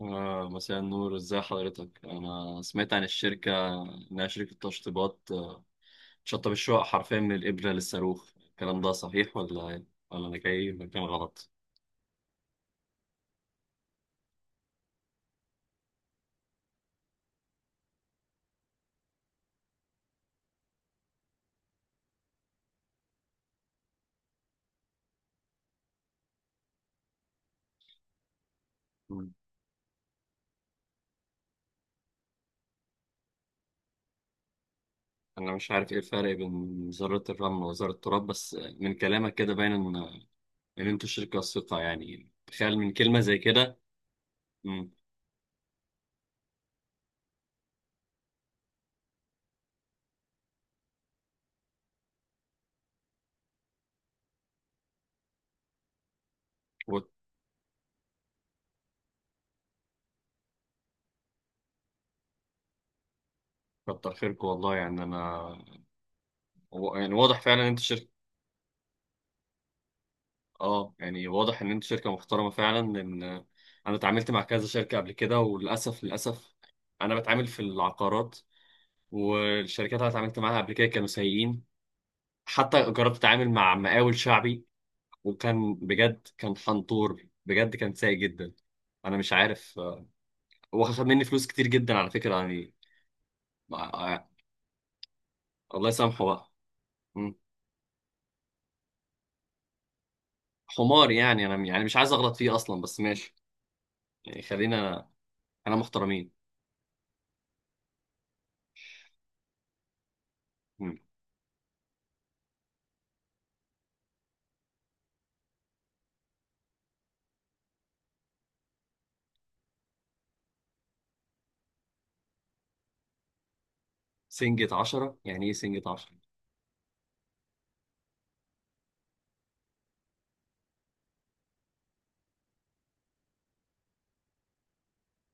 مساء النور، ازاي حضرتك؟ انا سمعت عن الشركه انها شركه تشطيبات، تشطب الشقق حرفيا من الابره للصاروخ. الكلام ده صحيح ولا ايه؟ ولا انا جاي مكان غلط؟ مم. انا مش عارف ايه الفرق بين وزاره الرمل ووزاره التراب، بس من كلامك كده باين ان انتوا شركه ثقه، يعني تخيل من كلمه زي كده. مم. وكتر خيركم والله، يعني انا يعني واضح فعلا ان انتوا شركه. اه، يعني واضح ان انت شركه محترمه فعلا، لان انا اتعاملت مع كذا شركه قبل كده وللاسف للاسف انا بتعامل في العقارات، والشركات اللي أنا اتعاملت معاها قبل كده كانوا سيئين. حتى جربت اتعامل مع مقاول شعبي، وكان بجد، كان حنطور، بجد كان سيء جدا. انا مش عارف، واخد مني فلوس كتير جدا على فكره يعني آه، الله يسامحه بقى. مم. حمار، يعني انا يعني مش عايز اغلط فيه اصلا، بس ماشي. يعني خلينا انا محترمين. مم. سنجة عشرة، يعني ايه سنجة عشرة؟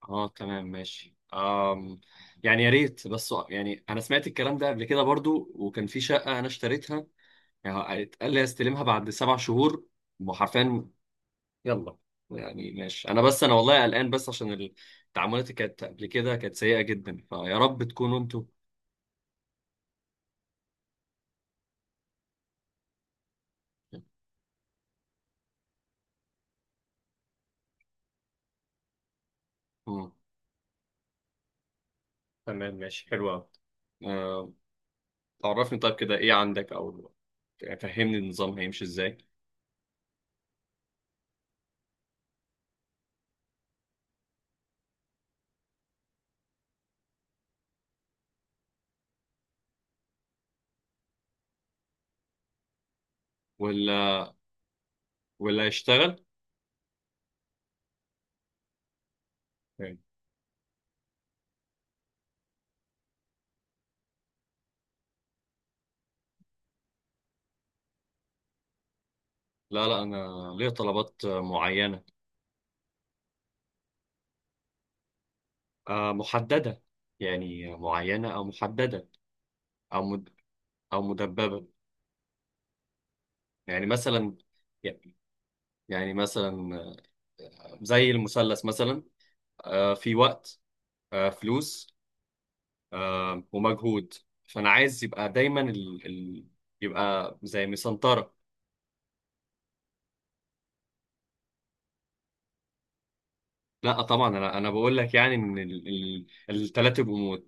اه، تمام ماشي. يعني يا ريت، بس يعني انا سمعت الكلام ده قبل كده برضو، وكان في شقة انا اشتريتها، يعني اتقال لي استلمها بعد سبع شهور، وحرفيا، يلا، يعني ماشي، انا بس انا والله قلقان بس عشان التعاملات اللي كانت قبل كده كانت سيئة جدا، فيا رب تكونوا انتوا. مم. تمام ماشي، حلو قوي. عرفني طيب كده ايه عندك، او يعني فهمني النظام هيمشي ازاي، ولا ولا يشتغل يعني. لا لا، انا ليا طلبات معينة، محددة، يعني معينة او محددة. او مد... او مدببة. يعني مثلا يعني مثلا، زي المثلث مثلا، في وقت، فلوس، ومجهود. فانا عايز يبقى دايما يبقى زي مسنطره. لا طبعا، انا بقول لك يعني ان الثلاثه يبقوا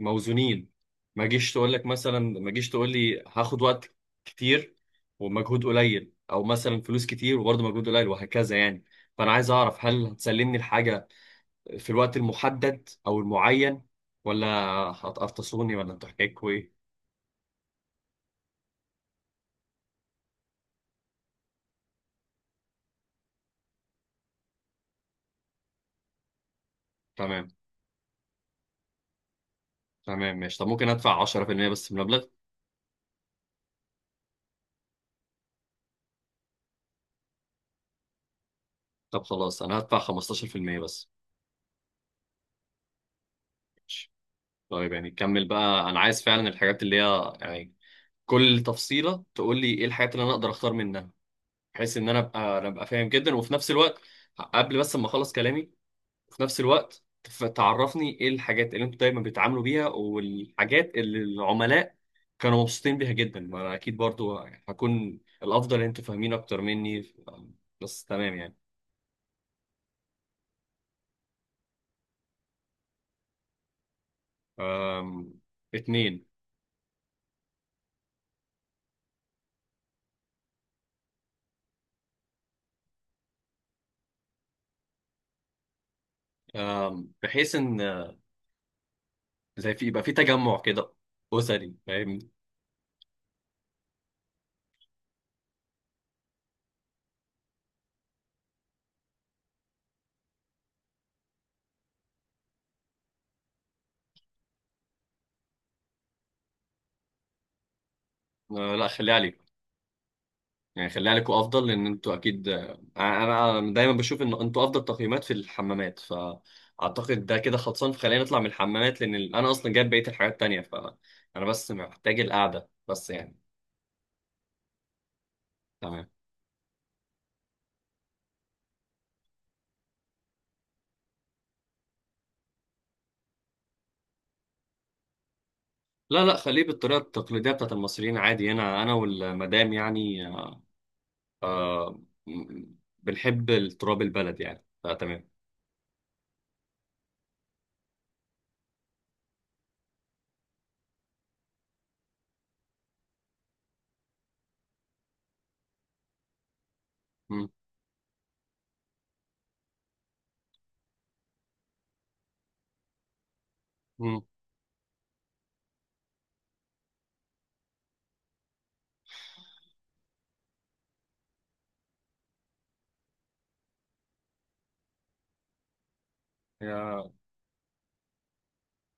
موزونين. ما جيش تقول لك مثلا، ما جيش تقول لي هاخد وقت كتير ومجهود قليل، او مثلا فلوس كتير وبرضه مجهود قليل وهكذا يعني. فانا عايز اعرف هل هتسلمني الحاجه في الوقت المحدد او المعين، ولا هتقرطصوني، ولا انتوا حكايتكوا ايه؟ تمام، تمام، ماشي. طب ممكن ادفع 10% بس من المبلغ؟ طب خلاص انا هدفع 15% بس. ماشي. طيب يعني كمل بقى، انا عايز فعلا الحاجات اللي هي يعني كل تفصيله تقول لي ايه الحاجات اللي انا اقدر اختار منها، بحيث ان انا ابقى فاهم جدا، وفي نفس الوقت، قبل بس ما اخلص كلامي، وفي نفس الوقت تعرفني ايه الحاجات اللي انتوا دايما بيتعاملوا بيها، والحاجات اللي العملاء كانوا مبسوطين بيها جدا، ما انا اكيد برضو هكون الافضل ان انتوا فاهمين اكتر مني، بس تمام يعني. أم، اتنين. بحيث ان زي في يبقى في تجمع كده أسري، فاهم؟ لا خليها عليكم، يعني خليها عليكم أفضل، لأن أنتوا أكيد، أنا دايما بشوف إن أنتوا أفضل تقييمات في الحمامات، فأعتقد ده كده خلصان، فخلينا نطلع من الحمامات، لأن أنا أصلا جايب بقية الحاجات التانية، فأنا بس محتاج القعدة بس يعني. تمام. لا لا، خليه بالطريقة التقليدية بتاعت المصريين عادي هنا، أنا والمدام يعني، آه، م- بنحب التراب البلد يعني، فتمام. مم. مم.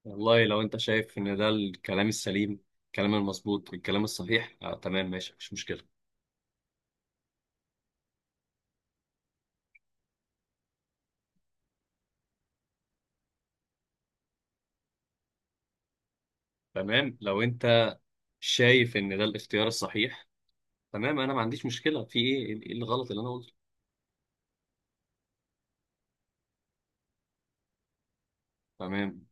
والله لو انت شايف ان ده الكلام السليم، الكلام المظبوط، الكلام الصحيح، تمام ماشي، مفيش مشكلة. تمام لو انت شايف ان ده الاختيار الصحيح، تمام، انا ما عنديش مشكلة. في ايه، ايه الغلط اللي انا قلته؟ تمام.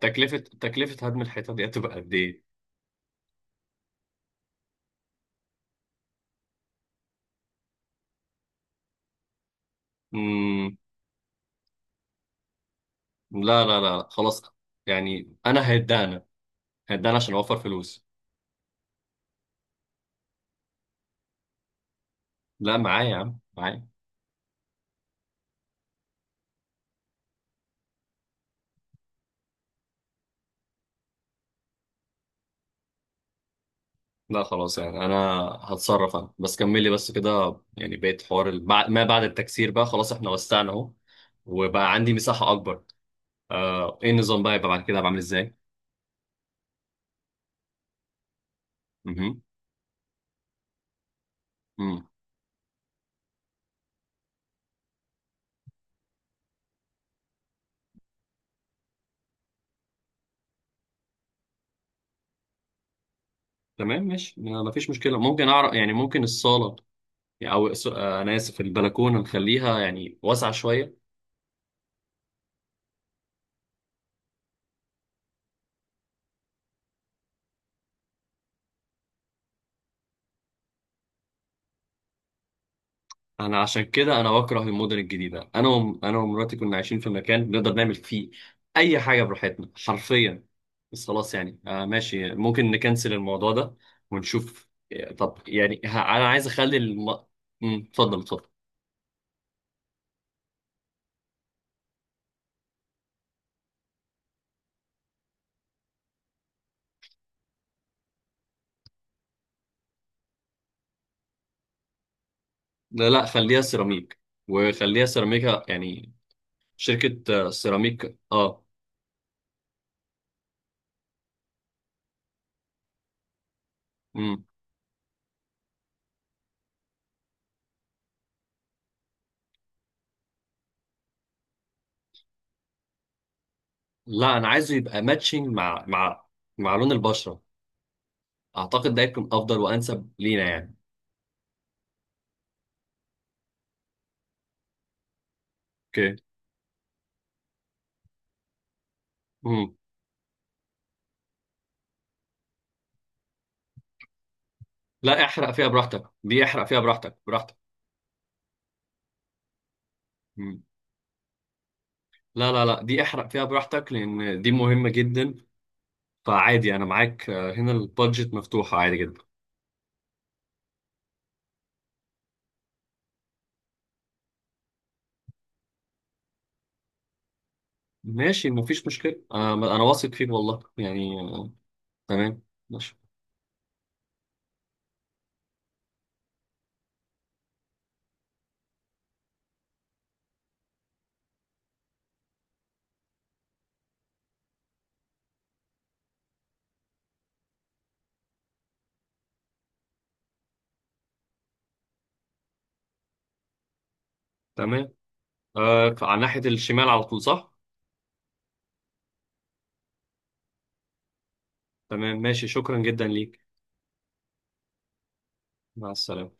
تكلفة هدم الحيطة دي هتبقى قد ايه؟ مم. لا، لا، لا، خلاص، يعني انا هدانا عشان اوفر فلوس. لا معايا يا عم، معايا. لا خلاص، يعني انا هتصرف، انا بس كملي بس كده يعني، بقيت حوار ما بعد التكسير بقى خلاص، احنا وسعنا اهو، وبقى عندي مساحة اكبر. آه، ايه النظام بقى يبقى بعد كده بعمل ازاي؟ امم. امم. تمام ماشي، ما فيش مشكلة. ممكن اعرف يعني ممكن الصالة، يعني انا اسف، البلكونة نخليها يعني واسعة شوية؟ انا عشان كده انا بكره المدن الجديده، انا ومراتي كنا عايشين في مكان بنقدر نعمل فيه اي حاجه براحتنا حرفيا. بس خلاص يعني، ماشي، ممكن نكنسل الموضوع ده ونشوف. طب يعني انا عايز اخلي مم، اتفضل، اتفضل. لا لا، خليها سيراميك، وخليها سيراميكا يعني، شركه سيراميك، اه. مم. لا، انا عايزه يبقى ماتشنج مع مع لون البشره، اعتقد ده هيكون افضل وانسب لينا يعني. اوكي. لا احرق فيها براحتك، دي احرق فيها براحتك. مم. لا، لا، لا، دي احرق فيها براحتك لان دي مهمة جدا، فعادي انا معاك، هنا البادجت مفتوحة عادي جدا. ماشي مفيش مشكلة، انا واثق فيك والله يعني، تمام ماشي. تمام، على ناحية الشمال على طول، صح؟ تمام ماشي، شكرا جدا ليك. مع السلامة.